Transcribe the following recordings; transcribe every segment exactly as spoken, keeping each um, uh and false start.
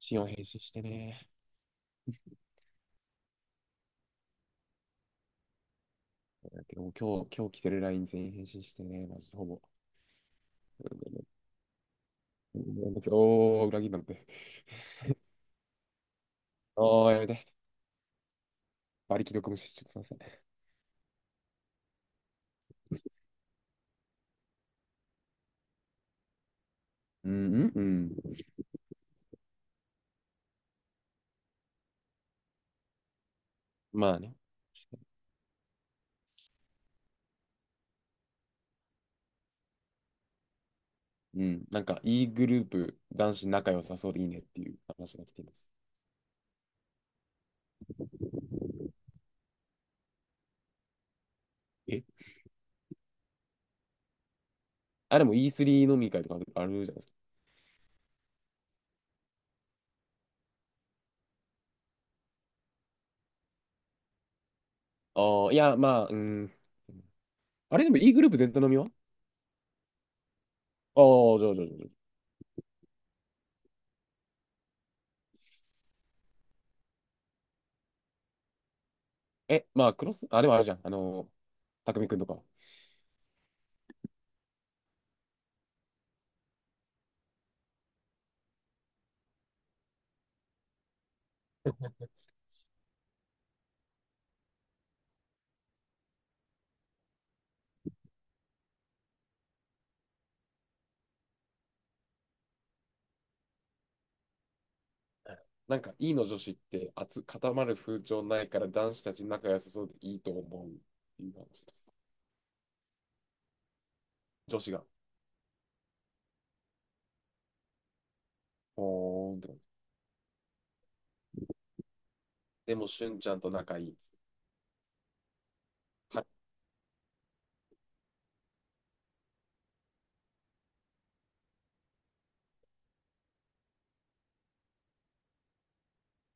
シーンを返信してね。だけどもう今日、今日来てる ライン 全員返信してね。マジでほぼ。うんおー、裏切りなんて。おー、やめて。馬力力無視しちゃってません。うんうんうん。まあね。うん。なんか、E グループ、男子仲良さそうでいいねっていう話が来ています。えあ、でも イースリー 飲み会とかあるじゃないですか。ああ、いや、まあ、うん。あれでも E グループ全体飲みは、ああー、じゃあじゃあじゃあじゃあ。え、まあ、クロス、あ、でもあるじゃん。あの、たくみくんとか。なんか E の女子って熱固まる風潮ないから男子たち仲良さそうでいいと思うっていう話です。女子が、ほーんって。でも、しゅんちゃんと仲いいです。はい。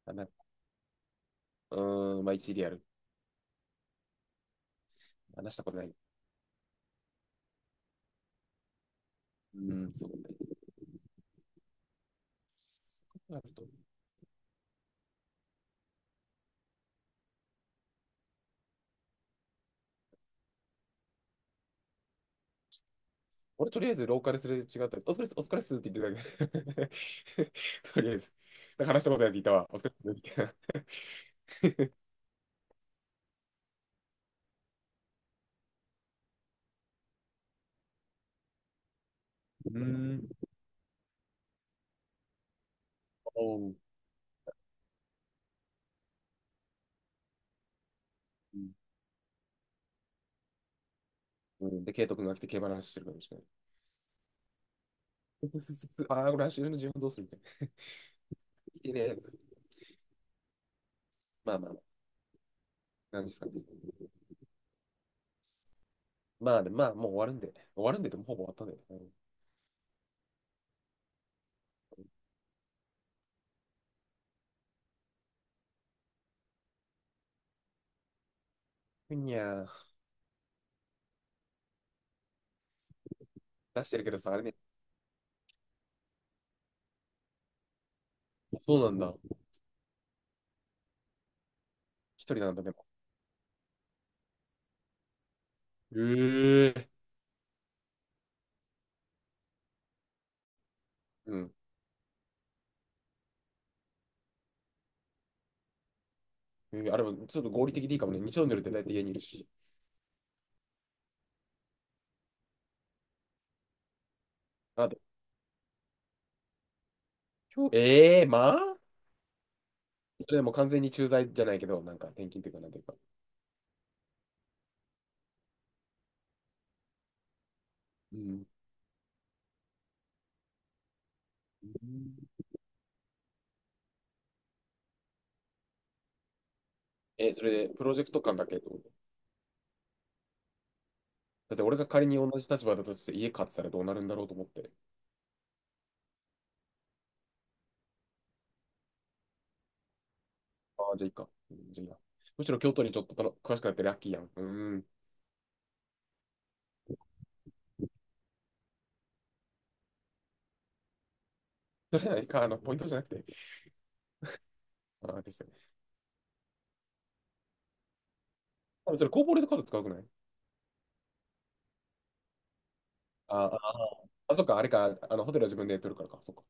だめ、うーん、まあ一理ある。話したことない。うーん、そうね。あると思う。俺とりあえず廊下ですれ違ったやお疲れっす、お疲れっすって言ってただけ。とりあえず。なんか話したことないやついたわ。お疲れっすみたいな。うーん。おー、うんうん、で、ケイト君が来て競馬の話してるかもしれない。ああ、これ走るの自分どうするみたいな。見てねえ。まあまあまあ。なんですかね。まあね、でまあ、もう終わるんで。終わるんでって、でもうほぼ終わったんでね。うん。ふにゃー。出してるけどさ、あれね。そうなんだ。一人なんだ、でも。えー。うん。えーあれも、ちょっと合理的でいいかもね。日曜の夜って大体家にいるし。あと、今日、えー、まあそれでも完全に駐在じゃないけど、なんか転勤っていうか、なんていうか。うん。え、それで、プロジェクト感だけと思ってことだって俺が仮に同じ立場だとして家買ってたらどうなるんだろうと思って。ああ、じゃあいいか。うんじゃあいいや。むしろ京都にちょっとたの詳しくなってラッキーやん。うーん。それはか、あの、ポイントじゃなくて。ああですよね。あそれ、コーポレートカード使うくない、あ、ああ、そっか、あれか、あの、ホテルは自分で取るからか。そっか。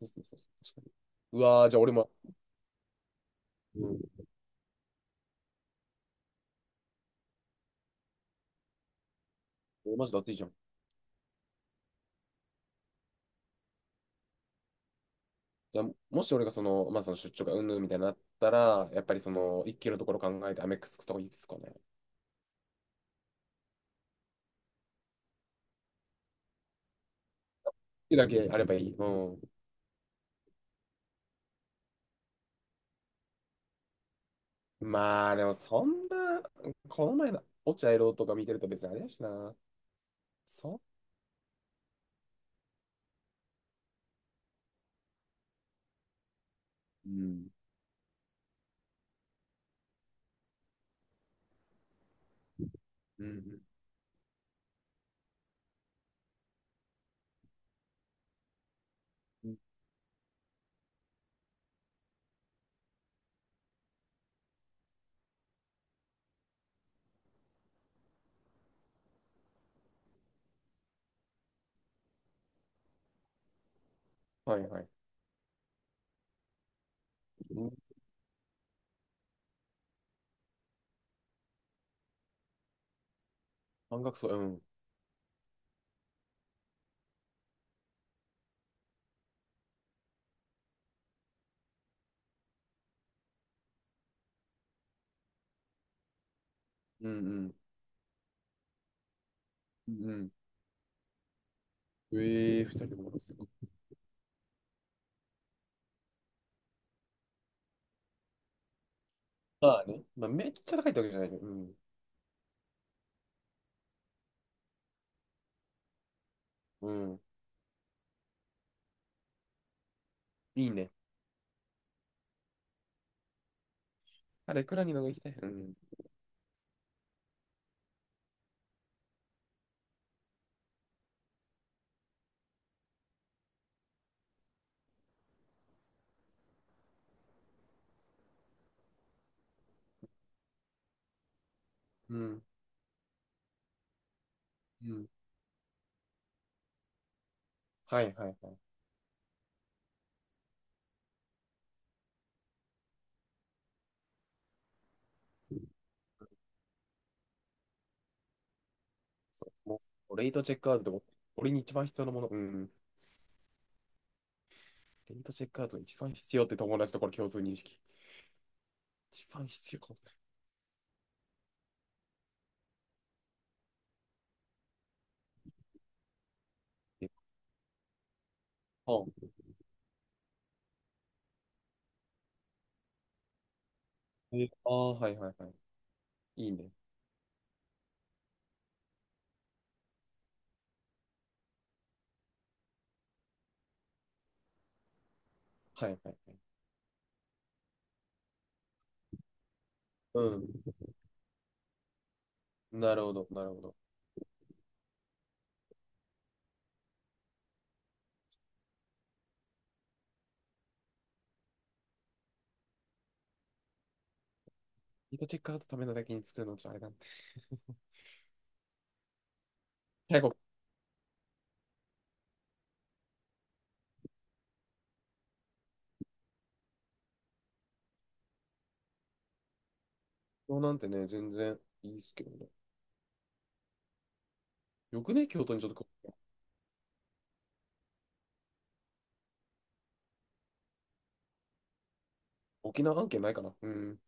そうそうそう確かに。うわー、じゃあ俺も、うん。俺マジで暑いじゃん。じゃあ、もし俺がその、まあその出張がうんぬんみたいになったら、やっぱりその、一気のところ考えてアメックスとかいいですかね。ってだけあればいい。うん。まあ、でもそんな、この前の落合郎とか見てると別にあれやしな。そう。うん。うん。うん、はいはい。うん。半額そう。うん。うん。うんうん、ええ二人でもすごい。まあね。まあ、めっちゃ高いってわけじゃないけど。うん。うん。いいね。あれ、いくらにのが行きたい。うん。うん。うん。はいはいはい。そう。もう、レイトチェックアウトでも、俺に一番必要なもの。うん。レイトチェックアウトに一番必要って友達とこれ共通認識。一番必要。え、あ、えあー、はいはいはい。いいね。はいはいはい。うん。なるほど、なるほど。レイトチェックアウトためのだけに作るのちょっとあれなんで。結構、京都なんてね、全然いいっすけどね。よくね、京都にちょっと沖縄案件ないかな。うん。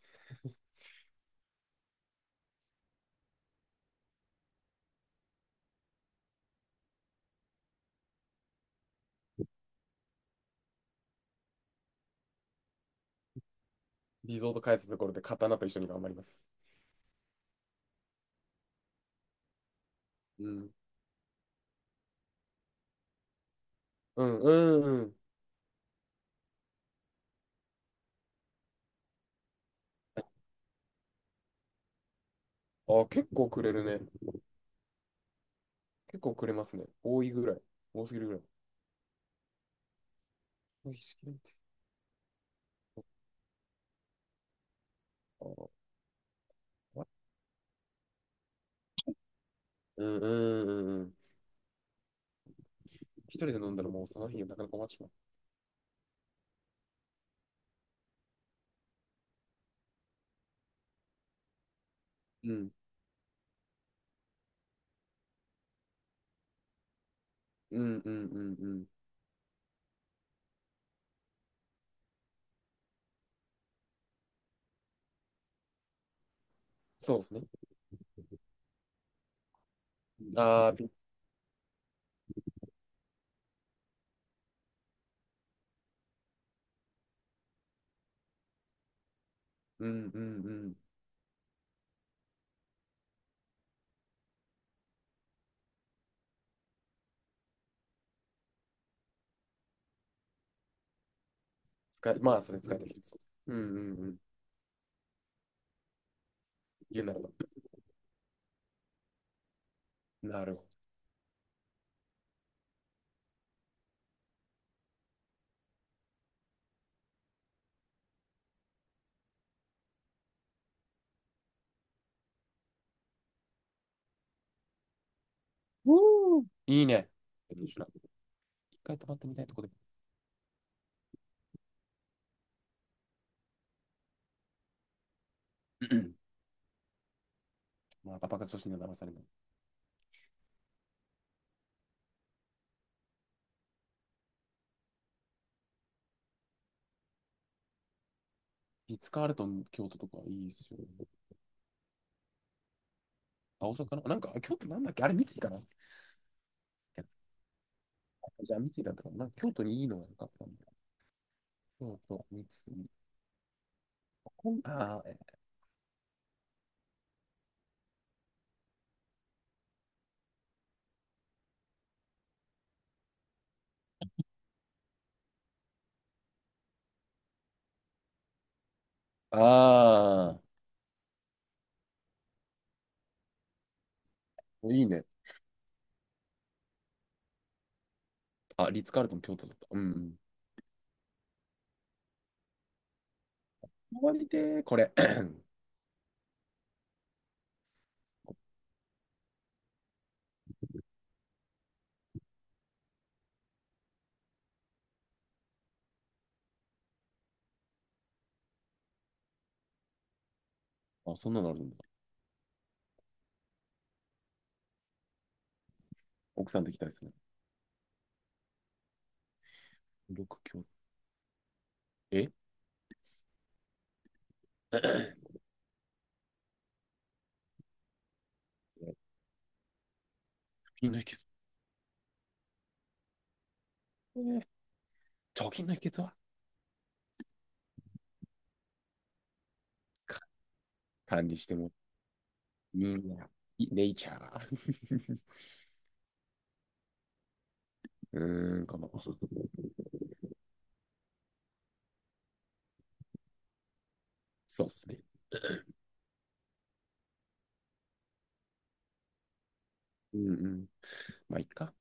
リゾート開発のところで刀と一緒に頑張ります。うん。うん、うん、うん。あ、結構くれるね。結構くれますね。多いぐらい。多すぎるぐらい。多いすぎるって。あー、わ、うん、うん、うん、うん。一人で飲んだらもうその日がなかなか終わっちまう。うん、うん、うん、うん、うん。そうですね。ああ、ピ、うん、うん、うん。使い、まあ、それ使えてる人そうです。うん、うん、うん。言うならば。なるほど。うー、いいね。一回泊まってみたいとこで。また爆発女子には騙されない。リッツ・カールトン、京都とかいいですよ。あ、大阪かな、なんか、あ京都なんだっけあれ、三井かな。じゃあ、三井だったかな、なんか京都にいいのが良かったんだ。京都、三井。こんあー、え、あー、いいね。あ、リッツ・カールトン、京都だった。うん、終わりで、これ。あ、そんなのあるんだ。奥さんできたいですね。六京都。え 貯金の秘訣。えー、貯金の秘訣はか管理しても、みんな、いネイチャー。うーん、かな。そうっすね。うんうん。まあ、いっか。